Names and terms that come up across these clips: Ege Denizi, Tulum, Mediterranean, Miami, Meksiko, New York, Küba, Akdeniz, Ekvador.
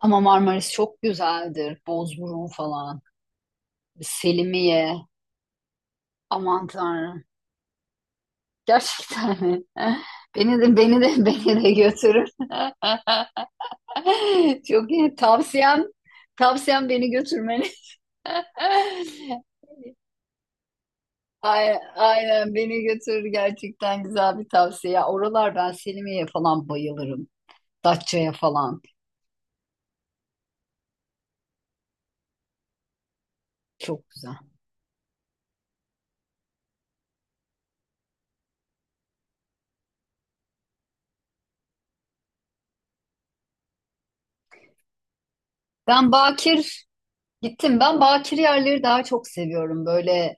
Ama Marmaris çok güzeldir. Bozburun falan. Selimiye. Aman Tanrım. Gerçekten mi? Beni de beni de götürün. Çok iyi. Tavsiyem beni götürmeni. Aynen beni götür, gerçekten güzel bir tavsiye. Ya, oralar, ben Selimiye'ye falan bayılırım. Datça'ya falan. Çok güzel. Ben Bakir gittim. Ben Bakir yerleri daha çok seviyorum. Böyle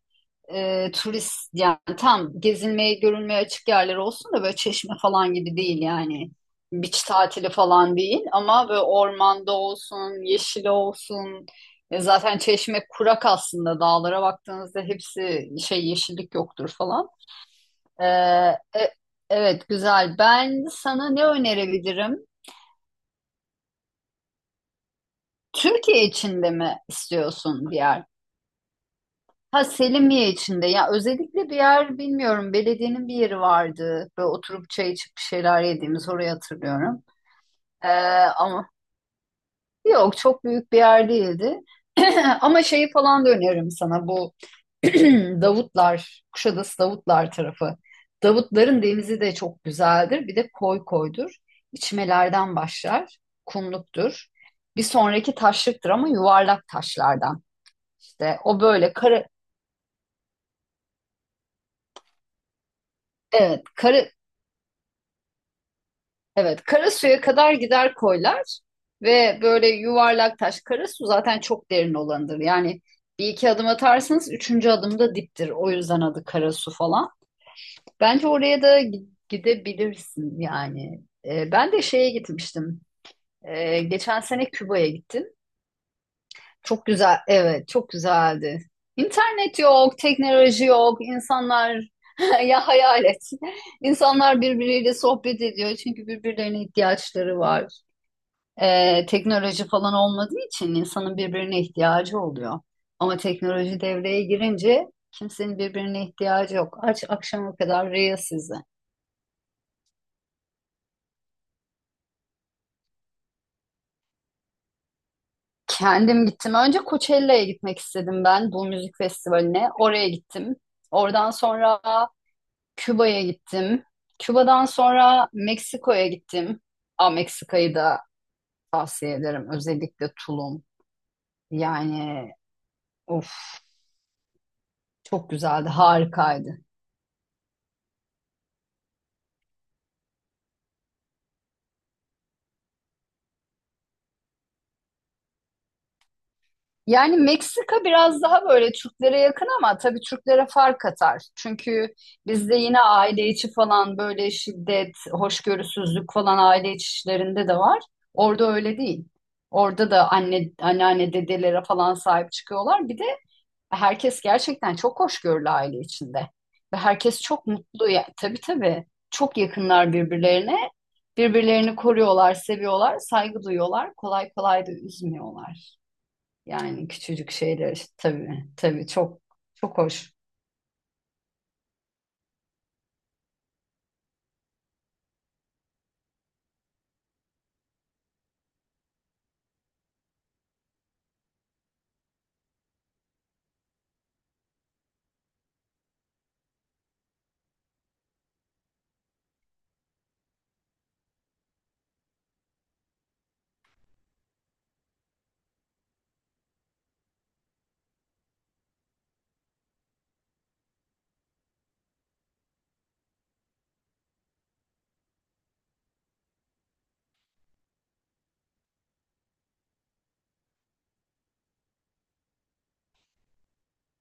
turist yani tam gezilmeye görülmeye açık yerler olsun da böyle Çeşme falan gibi değil yani. Beach tatili falan değil ama böyle ormanda olsun, yeşil olsun. Zaten Çeşme kurak, aslında dağlara baktığınızda hepsi şey, yeşillik yoktur falan. E, e, evet, güzel. Ben sana ne önerebilirim? Türkiye içinde mi istiyorsun bir yer? Ha, Selimiye içinde, ya özellikle bir yer bilmiyorum, belediyenin bir yeri vardı, böyle oturup çay içip bir şeyler yediğimiz, orayı hatırlıyorum. Ee, ama yok, çok büyük bir yer değildi. Ama şeyi falan da öneririm sana, bu Davutlar, Kuşadası Davutlar tarafı. Davutların denizi de çok güzeldir, bir de koy koydur. İçmelerden başlar, kumluktur, bir sonraki taşlıktır ama yuvarlak taşlardan. İşte o böyle kara, evet, evet, Karasu'ya kadar gider koylar ve böyle yuvarlak taş. Karasu zaten çok derin olanıdır. Yani bir iki adım atarsanız üçüncü adımda diptir. O yüzden adı Karasu falan. Bence oraya da gidebilirsin yani. Ben de şeye gitmiştim. Geçen sene Küba'ya gittim. Çok güzel, evet, çok güzeldi. İnternet yok, teknoloji yok, insanlar ya hayal et. İnsanlar birbiriyle sohbet ediyor çünkü birbirlerine ihtiyaçları var. Teknoloji falan olmadığı için insanın birbirine ihtiyacı oluyor. Ama teknoloji devreye girince kimsenin birbirine ihtiyacı yok. Aç akşama kadar Reels sizi. Kendim gittim. Önce Coachella'ya gitmek istedim, ben bu müzik festivaline. Oraya gittim. Oradan sonra Küba'ya gittim. Küba'dan sonra Meksiko'ya gittim. Aa, Meksika'yı da tavsiye ederim. Özellikle Tulum. Yani of, çok güzeldi, harikaydı. Yani Meksika biraz daha böyle Türklere yakın ama tabii Türklere fark atar. Çünkü bizde yine aile içi falan böyle şiddet, hoşgörüsüzlük falan, aile içi işlerinde de var. Orada öyle değil. Orada da anne, anneanne, dedelere falan sahip çıkıyorlar. Bir de herkes gerçekten çok hoşgörülü aile içinde. Ve herkes çok mutlu. Ya, tabii tabii, çok yakınlar birbirlerine. Birbirlerini koruyorlar, seviyorlar, saygı duyuyorlar. Kolay kolay da üzmüyorlar. Yani küçücük şeyler işte, tabii tabii, çok hoş.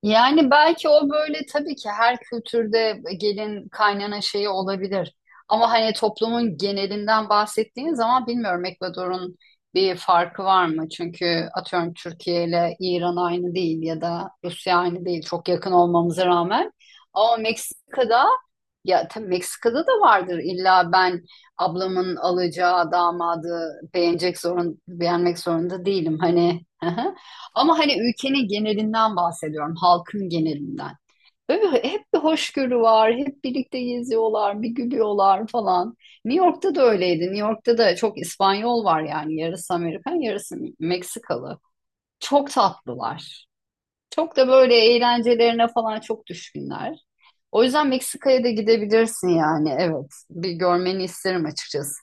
Yani belki o böyle, tabii ki her kültürde gelin kaynana şeyi olabilir. Ama hani toplumun genelinden bahsettiğin zaman, bilmiyorum, Ekvador'un bir farkı var mı? Çünkü atıyorum, Türkiye ile İran aynı değil ya da Rusya aynı değil, çok yakın olmamıza rağmen. Ama Meksika'da, ya tabii Meksika'da da vardır illa, ben ablamın alacağı damadı beğenecek, zorun beğenmek zorunda değilim hani. Ama hani ülkenin genelinden bahsediyorum, halkın genelinden. Böyle hep bir hoşgörü var, hep birlikte geziyorlar, bir gülüyorlar falan. New York'ta da öyleydi. New York'ta da çok İspanyol var, yani yarısı Amerikan, yarısı Meksikalı. Çok tatlılar. Çok da böyle eğlencelerine falan çok düşkünler. O yüzden Meksika'ya da gidebilirsin yani. Evet. Bir görmeni isterim açıkçası.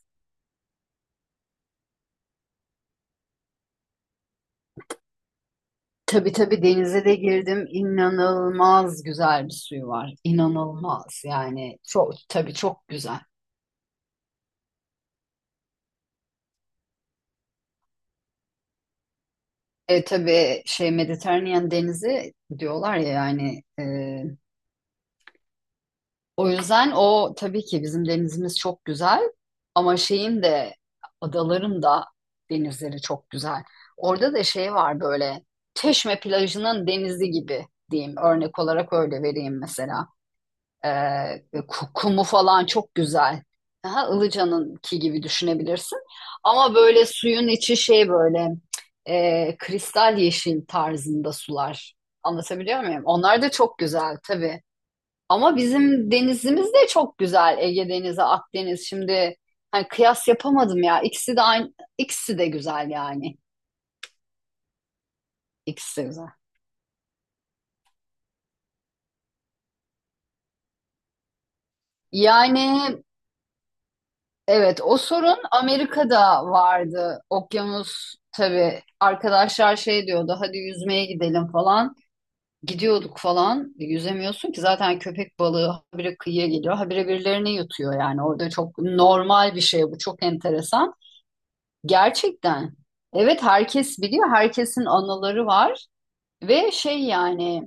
Tabii tabii, denize de girdim. İnanılmaz güzel bir suyu var. İnanılmaz yani. Çok tabii, çok güzel. E tabii şey, Mediterranean denizi diyorlar ya yani, o yüzden, o tabii ki bizim denizimiz çok güzel ama şeyin de, adaların da denizleri çok güzel. Orada da şey var, böyle Çeşme plajının denizi gibi diyeyim, örnek olarak öyle vereyim mesela. Ee, kumu falan çok güzel. Daha Ilıca'nınki gibi düşünebilirsin. Ama böyle suyun içi şey, böyle kristal yeşil tarzında sular. Anlatabiliyor muyum? Onlar da çok güzel tabii. Ama bizim denizimiz de çok güzel. Ege Denizi, Akdeniz. Şimdi hani kıyas yapamadım ya. İkisi de aynı, ikisi de güzel yani. İkisi de güzel. Yani evet, o sorun Amerika'da vardı. Okyanus, tabii arkadaşlar şey diyordu, hadi yüzmeye gidelim falan. Gidiyorduk falan. Yüzemiyorsun ki, zaten köpek balığı habire kıyıya geliyor. Habire birilerini yutuyor yani. Orada çok normal bir şey bu. Çok enteresan. Gerçekten. Evet, herkes biliyor. Herkesin anıları var. Ve şey yani,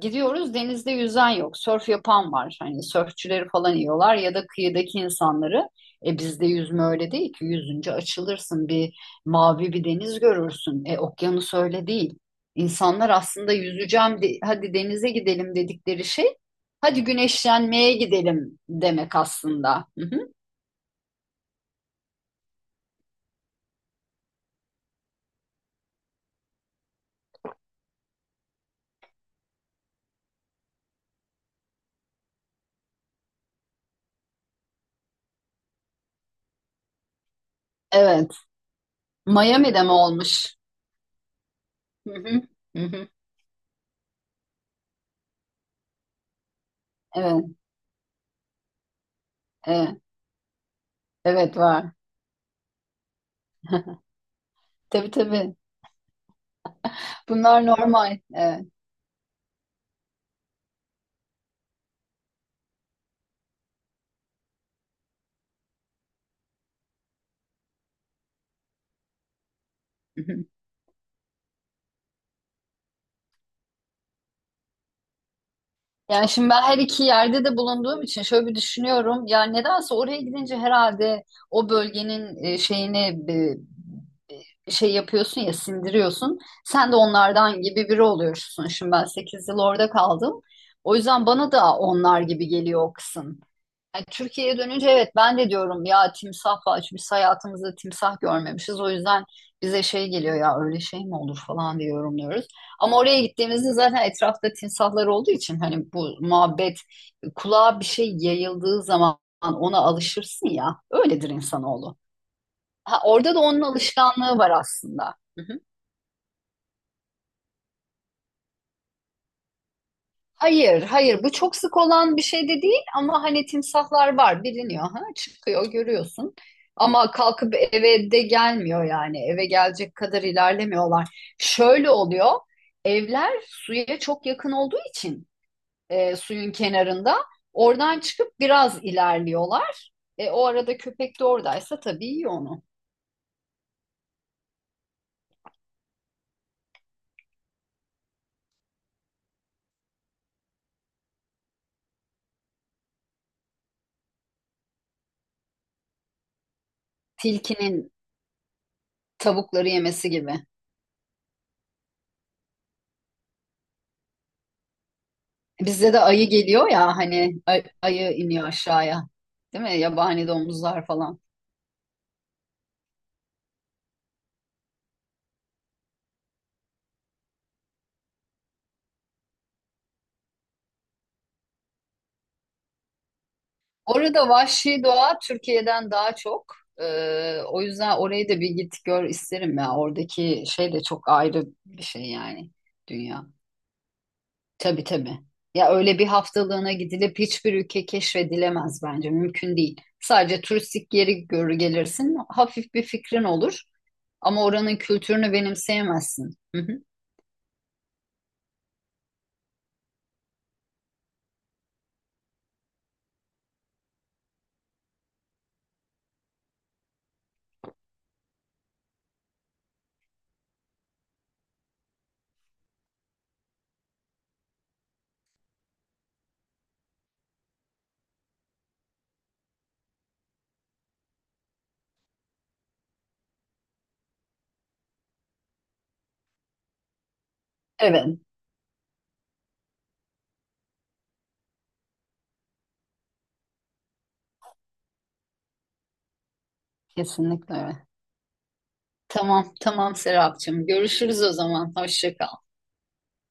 gidiyoruz, denizde yüzen yok. Sörf yapan var. Hani sörfçüleri falan yiyorlar ya da kıyıdaki insanları. E bizde yüzme öyle değil ki. Yüzünce açılırsın, mavi bir deniz görürsün. E okyanus öyle değil. İnsanlar aslında hadi denize gidelim dedikleri şey, hadi güneşlenmeye gidelim demek aslında. Hı hı. Evet. Miami'de mi olmuş? Hı hı. Hı hı. Evet, evet, evet var. Tabii tabii. Bunlar normal. Evet. Yani şimdi, ben her iki yerde de bulunduğum için şöyle bir düşünüyorum. Ya nedense oraya gidince, herhalde o bölgenin şeyini, şey yapıyorsun ya, sindiriyorsun. Sen de onlardan gibi biri oluyorsun. Şimdi ben 8 yıl orada kaldım. O yüzden bana da onlar gibi geliyor o kısım. Yani Türkiye'ye dönünce evet, ben de diyorum ya timsah var. Çünkü biz hayatımızda timsah görmemişiz. O yüzden bize şey geliyor ya, öyle şey mi olur falan diye yorumluyoruz. Ama oraya gittiğimizde zaten etrafta timsahlar olduğu için, hani bu muhabbet kulağa bir şey yayıldığı zaman ona alışırsın ya. Öyledir insanoğlu. Ha, orada da onun alışkanlığı var aslında. Hayır, hayır. Bu çok sık olan bir şey de değil ama hani timsahlar var, biliniyor. Ha? Çıkıyor, görüyorsun. Ama kalkıp eve de gelmiyor yani. Eve gelecek kadar ilerlemiyorlar. Şöyle oluyor. Evler suya çok yakın olduğu için, suyun kenarında oradan çıkıp biraz ilerliyorlar. E, o arada köpek de oradaysa tabii yiyor onu. Tilkinin tavukları yemesi gibi. Bizde de ayı geliyor ya, hani ayı iniyor aşağıya. Değil mi? Yabani domuzlar falan. Orada vahşi doğa Türkiye'den daha çok. O yüzden orayı da bir git gör isterim ya. Oradaki şey de çok ayrı bir şey yani, dünya. Tabii tabii. Ya öyle bir haftalığına gidilip hiçbir ülke keşfedilemez bence. Mümkün değil. Sadece turistik yeri görür gelirsin. Hafif bir fikrin olur. Ama oranın kültürünü benimseyemezsin. Hı hı. Evet. Kesinlikle öyle. Tamam, tamam Serapcığım. Görüşürüz o zaman. Hoşça kal.